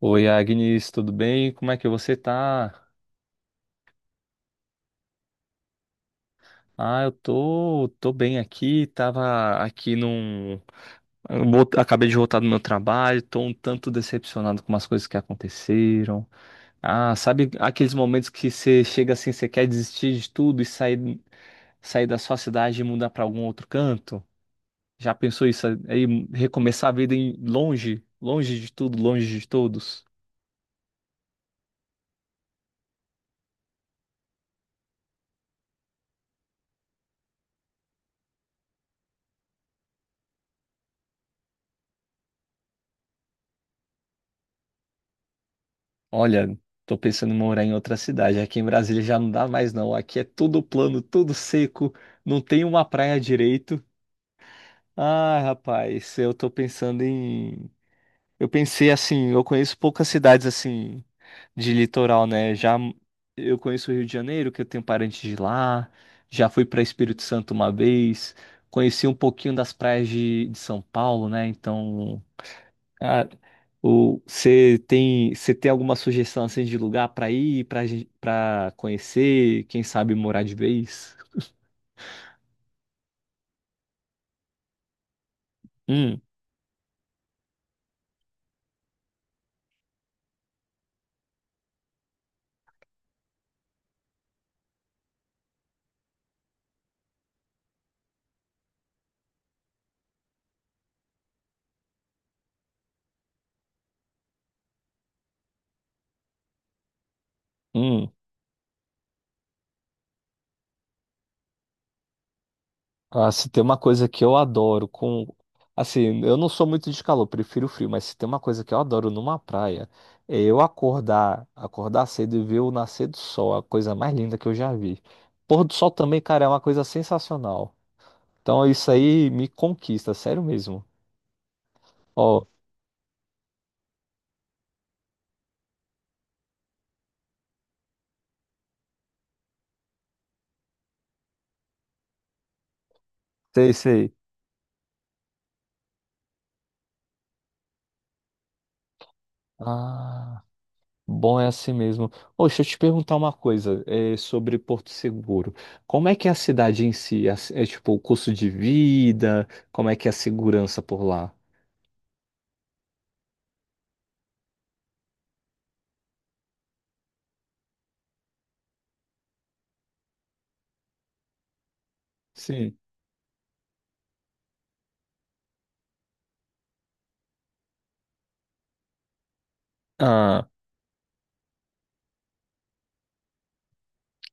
Oi, Agnes, tudo bem? Como é que você tá? Ah, eu tô bem aqui, tava aqui Acabei de voltar do meu trabalho, tô um tanto decepcionado com umas coisas que aconteceram. Ah, sabe aqueles momentos que você chega assim, você quer desistir de tudo e sair, sair da sua cidade e mudar pra algum outro canto? Já pensou isso aí, recomeçar a vida em longe, longe de tudo, longe de todos? Olha, tô pensando em morar em outra cidade. Aqui em Brasília já não dá mais, não. Aqui é tudo plano, tudo seco, não tem uma praia direito. Ah, rapaz, eu tô pensando em. Eu pensei assim, eu conheço poucas cidades assim de litoral, né? Já eu conheço o Rio de Janeiro, que eu tenho parentes de lá. Já fui para Espírito Santo uma vez. Conheci um pouquinho das praias de São Paulo, né? Então. Ah, você tem alguma sugestão assim de lugar para ir, para conhecer, quem sabe morar de vez? Hum, hum. Ah, se tem uma coisa que eu adoro com assim, eu não sou muito de calor, prefiro frio, mas se tem uma coisa que eu adoro numa praia, é eu acordar, acordar cedo e ver o nascer do sol, a coisa mais linda que eu já vi. Pôr do sol também, cara, é uma coisa sensacional. Então isso aí me conquista, sério mesmo. Ó, sei, sei. Ah. Bom, é assim mesmo. Ô, deixa eu te perguntar uma coisa, é, sobre Porto Seguro. Como é que é a cidade em si? É, tipo o custo de vida? Como é que é a segurança por lá? Sim. Ah,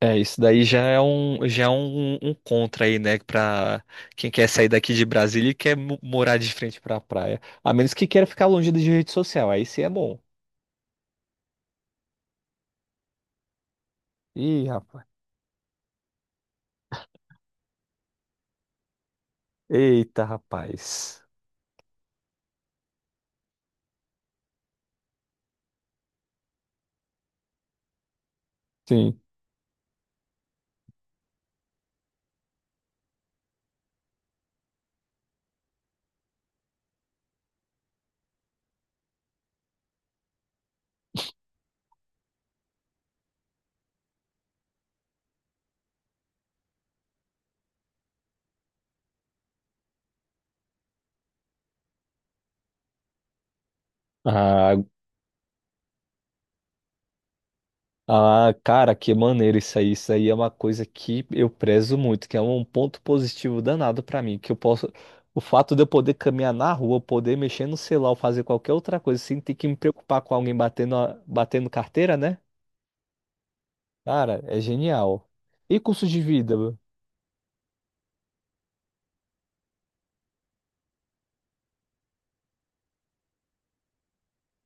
é, isso daí já é um contra aí, né? Pra quem quer sair daqui de Brasília e quer morar de frente pra praia. A menos que queira ficar longe de rede social, aí sim é bom. Ih, rapaz. Eita, rapaz. Sim. Ah. Ah, cara, que maneiro isso aí. Isso aí é uma coisa que eu prezo muito, que é um ponto positivo danado pra mim, que eu posso, o fato de eu poder caminhar na rua, poder mexer no celular, ou fazer qualquer outra coisa sem ter que me preocupar com alguém batendo, batendo carteira, né? Cara, é genial. E custo de vida? Meu?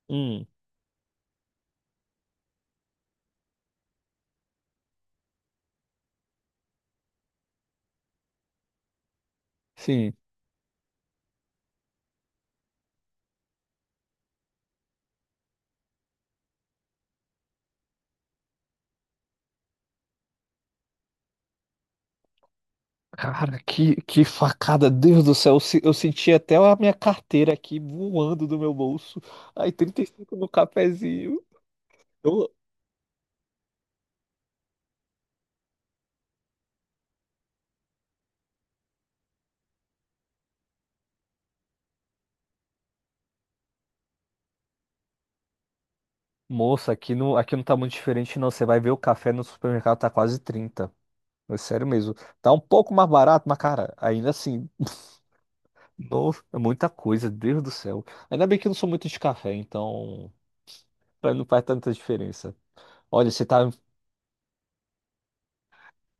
Hum, sim. Cara, que facada, Deus do céu. Eu, se- eu senti até a minha carteira aqui voando do meu bolso. Aí, 35 no cafezinho. Moça, aqui não tá muito diferente, não. Você vai ver o café no supermercado tá quase 30. É sério mesmo. Tá um pouco mais barato, mas, cara, ainda assim, não, é muita coisa, Deus do céu. Ainda bem que eu não sou muito de café, então pra mim não faz tanta diferença. Olha, você tá.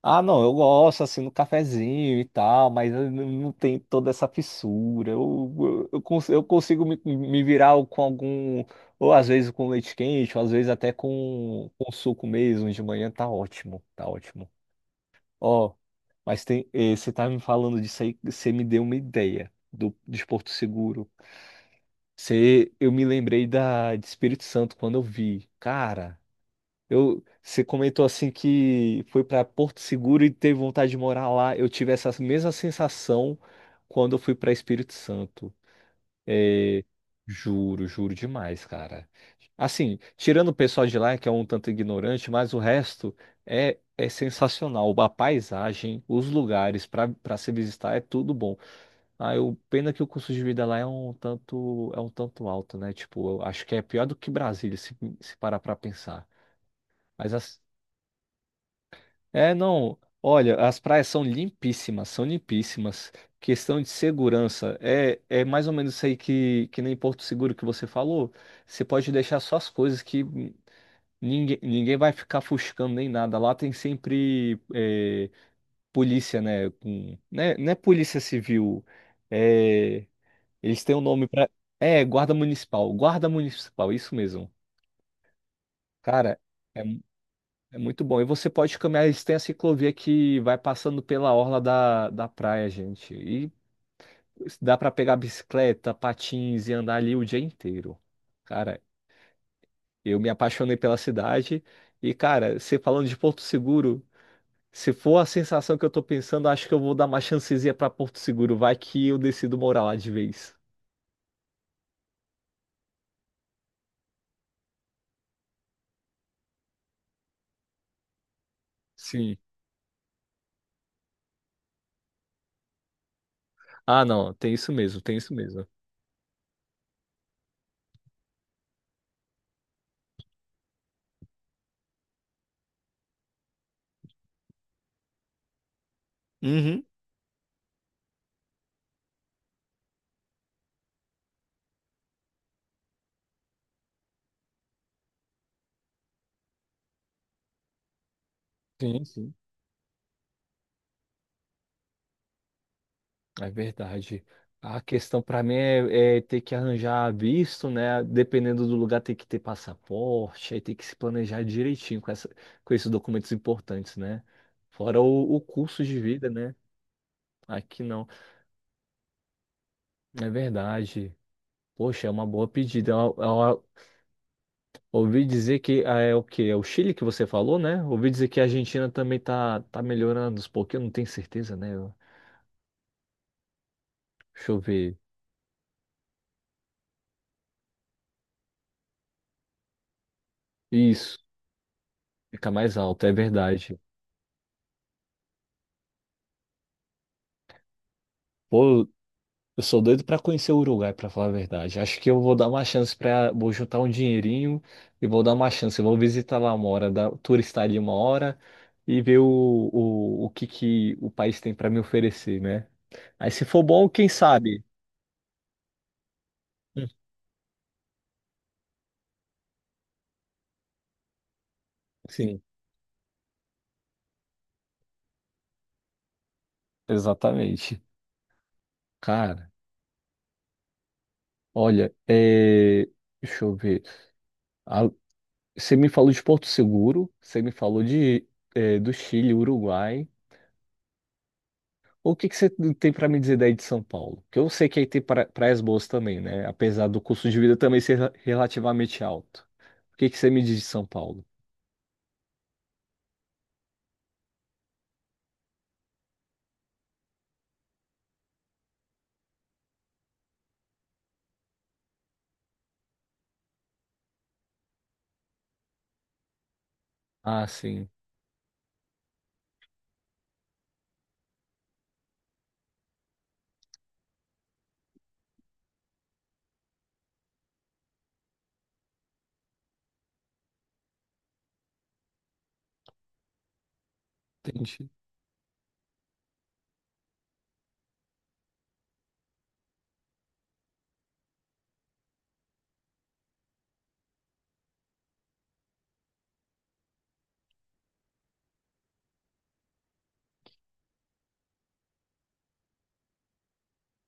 Ah, não, eu gosto assim no cafezinho e tal, mas eu não tem toda essa fissura. Eu consigo me virar com algum. Ou às vezes com leite quente, ou às vezes até com suco mesmo de manhã, tá ótimo, tá ótimo. Ó, mas tem, você tá me falando disso aí, você me deu uma ideia de Porto Seguro. Eu me lembrei de Espírito Santo quando eu vi. Cara, você comentou assim que foi para Porto Seguro e teve vontade de morar lá. Eu tive essa mesma sensação quando eu fui para Espírito Santo. É, juro, juro demais, cara. Assim, tirando o pessoal de lá, que é um tanto ignorante, mas o resto é sensacional. A paisagem, os lugares para se visitar é tudo bom. Ah, pena que o custo de vida lá é um tanto alto, né? Tipo, eu acho que é pior do que Brasília, se parar para pensar. Mas assim, é, não. Olha, as praias são limpíssimas, são limpíssimas. Questão de segurança. É mais ou menos isso aí que nem Porto Seguro que você falou. Você pode deixar só as coisas que ninguém vai ficar fuscando nem nada. Lá tem sempre polícia, né? Com, né? Não é polícia civil. É, eles têm um nome para. É, guarda municipal. Guarda municipal, isso mesmo. Cara. é É muito bom. E você pode caminhar, eles têm a ciclovia que vai passando pela orla da praia, gente. E dá para pegar bicicleta, patins e andar ali o dia inteiro. Cara, eu me apaixonei pela cidade. E, cara, você falando de Porto Seguro, se for a sensação que eu tô pensando, acho que eu vou dar uma chancezinha para Porto Seguro. Vai que eu decido morar lá de vez. Sim. Ah, não, tem isso mesmo, tem isso mesmo. Uhum. Sim, sim. É verdade. A questão para mim é ter que arranjar visto, né? Dependendo do lugar, tem que ter passaporte, aí tem que se planejar direitinho com esses documentos importantes, né? Fora o custo de vida, né? Aqui não. É verdade. Poxa, é uma boa pedida. Ouvi dizer que ah, é o quê? É o Chile que você falou, né? Ouvi dizer que a Argentina também tá melhorando, porque eu não tenho certeza, né? Deixa eu ver. Isso, fica mais alto, é verdade. Pô, eu sou doido pra conhecer o Uruguai, pra falar a verdade. Acho que eu vou dar uma chance para, vou juntar um dinheirinho e vou dar uma chance. Vou visitar lá uma hora, turistar ali uma hora e ver o que que o país tem pra me oferecer, né? Aí se for bom, quem sabe? Hum, Sim, exatamente. Cara, olha, deixa eu ver. Ah, você me falou de Porto Seguro, você me falou do Chile, Uruguai. O que que você tem para me dizer daí de São Paulo? Que eu sei que aí tem praias boas também, né? Apesar do custo de vida também ser relativamente alto. O que que você me diz de São Paulo? Ah, sim. Entendi.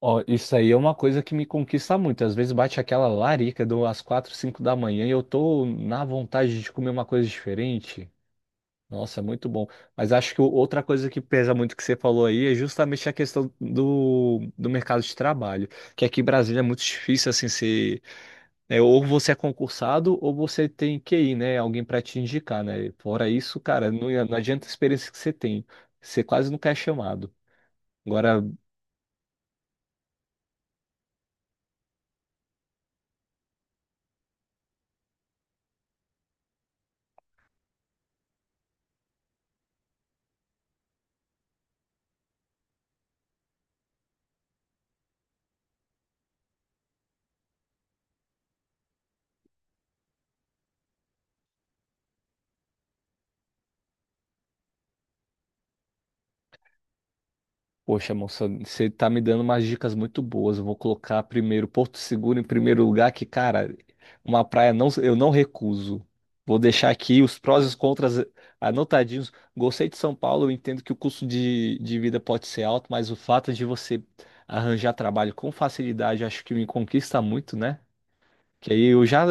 Ó, isso aí é uma coisa que me conquista muito. Às vezes bate aquela larica do às 4, 5 da manhã e eu tô na vontade de comer uma coisa diferente. Nossa, é muito bom. Mas acho que outra coisa que pesa muito que você falou aí é justamente a questão do mercado de trabalho. Que aqui em Brasília é muito difícil assim ser né? Ou você é concursado ou você tem QI, né? Alguém para te indicar, né? Fora isso, cara, não, não adianta a experiência que você tem. Você quase nunca é chamado. Agora, poxa, moça, você tá me dando umas dicas muito boas. Eu vou colocar primeiro Porto Seguro em primeiro lugar, que, cara, uma praia não, eu não recuso. Vou deixar aqui os prós e os contras anotadinhos. Gostei de São Paulo, eu entendo que o custo de vida pode ser alto, mas o fato de você arranjar trabalho com facilidade, acho que me conquista muito, né? Que aí eu já,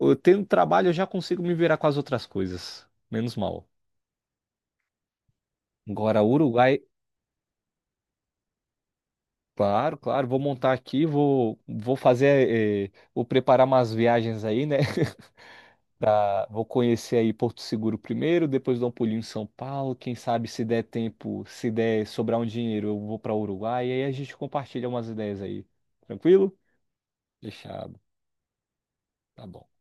eu tendo trabalho, eu já consigo me virar com as outras coisas. Menos mal. Agora, Uruguai, claro, claro, vou montar aqui, vou fazer, vou preparar umas viagens aí, né? Vou conhecer aí Porto Seguro primeiro, depois dar um pulinho em São Paulo. Quem sabe se der tempo, se der sobrar um dinheiro, eu vou para Uruguai e aí a gente compartilha umas ideias aí. Tranquilo? Fechado. Tá bom.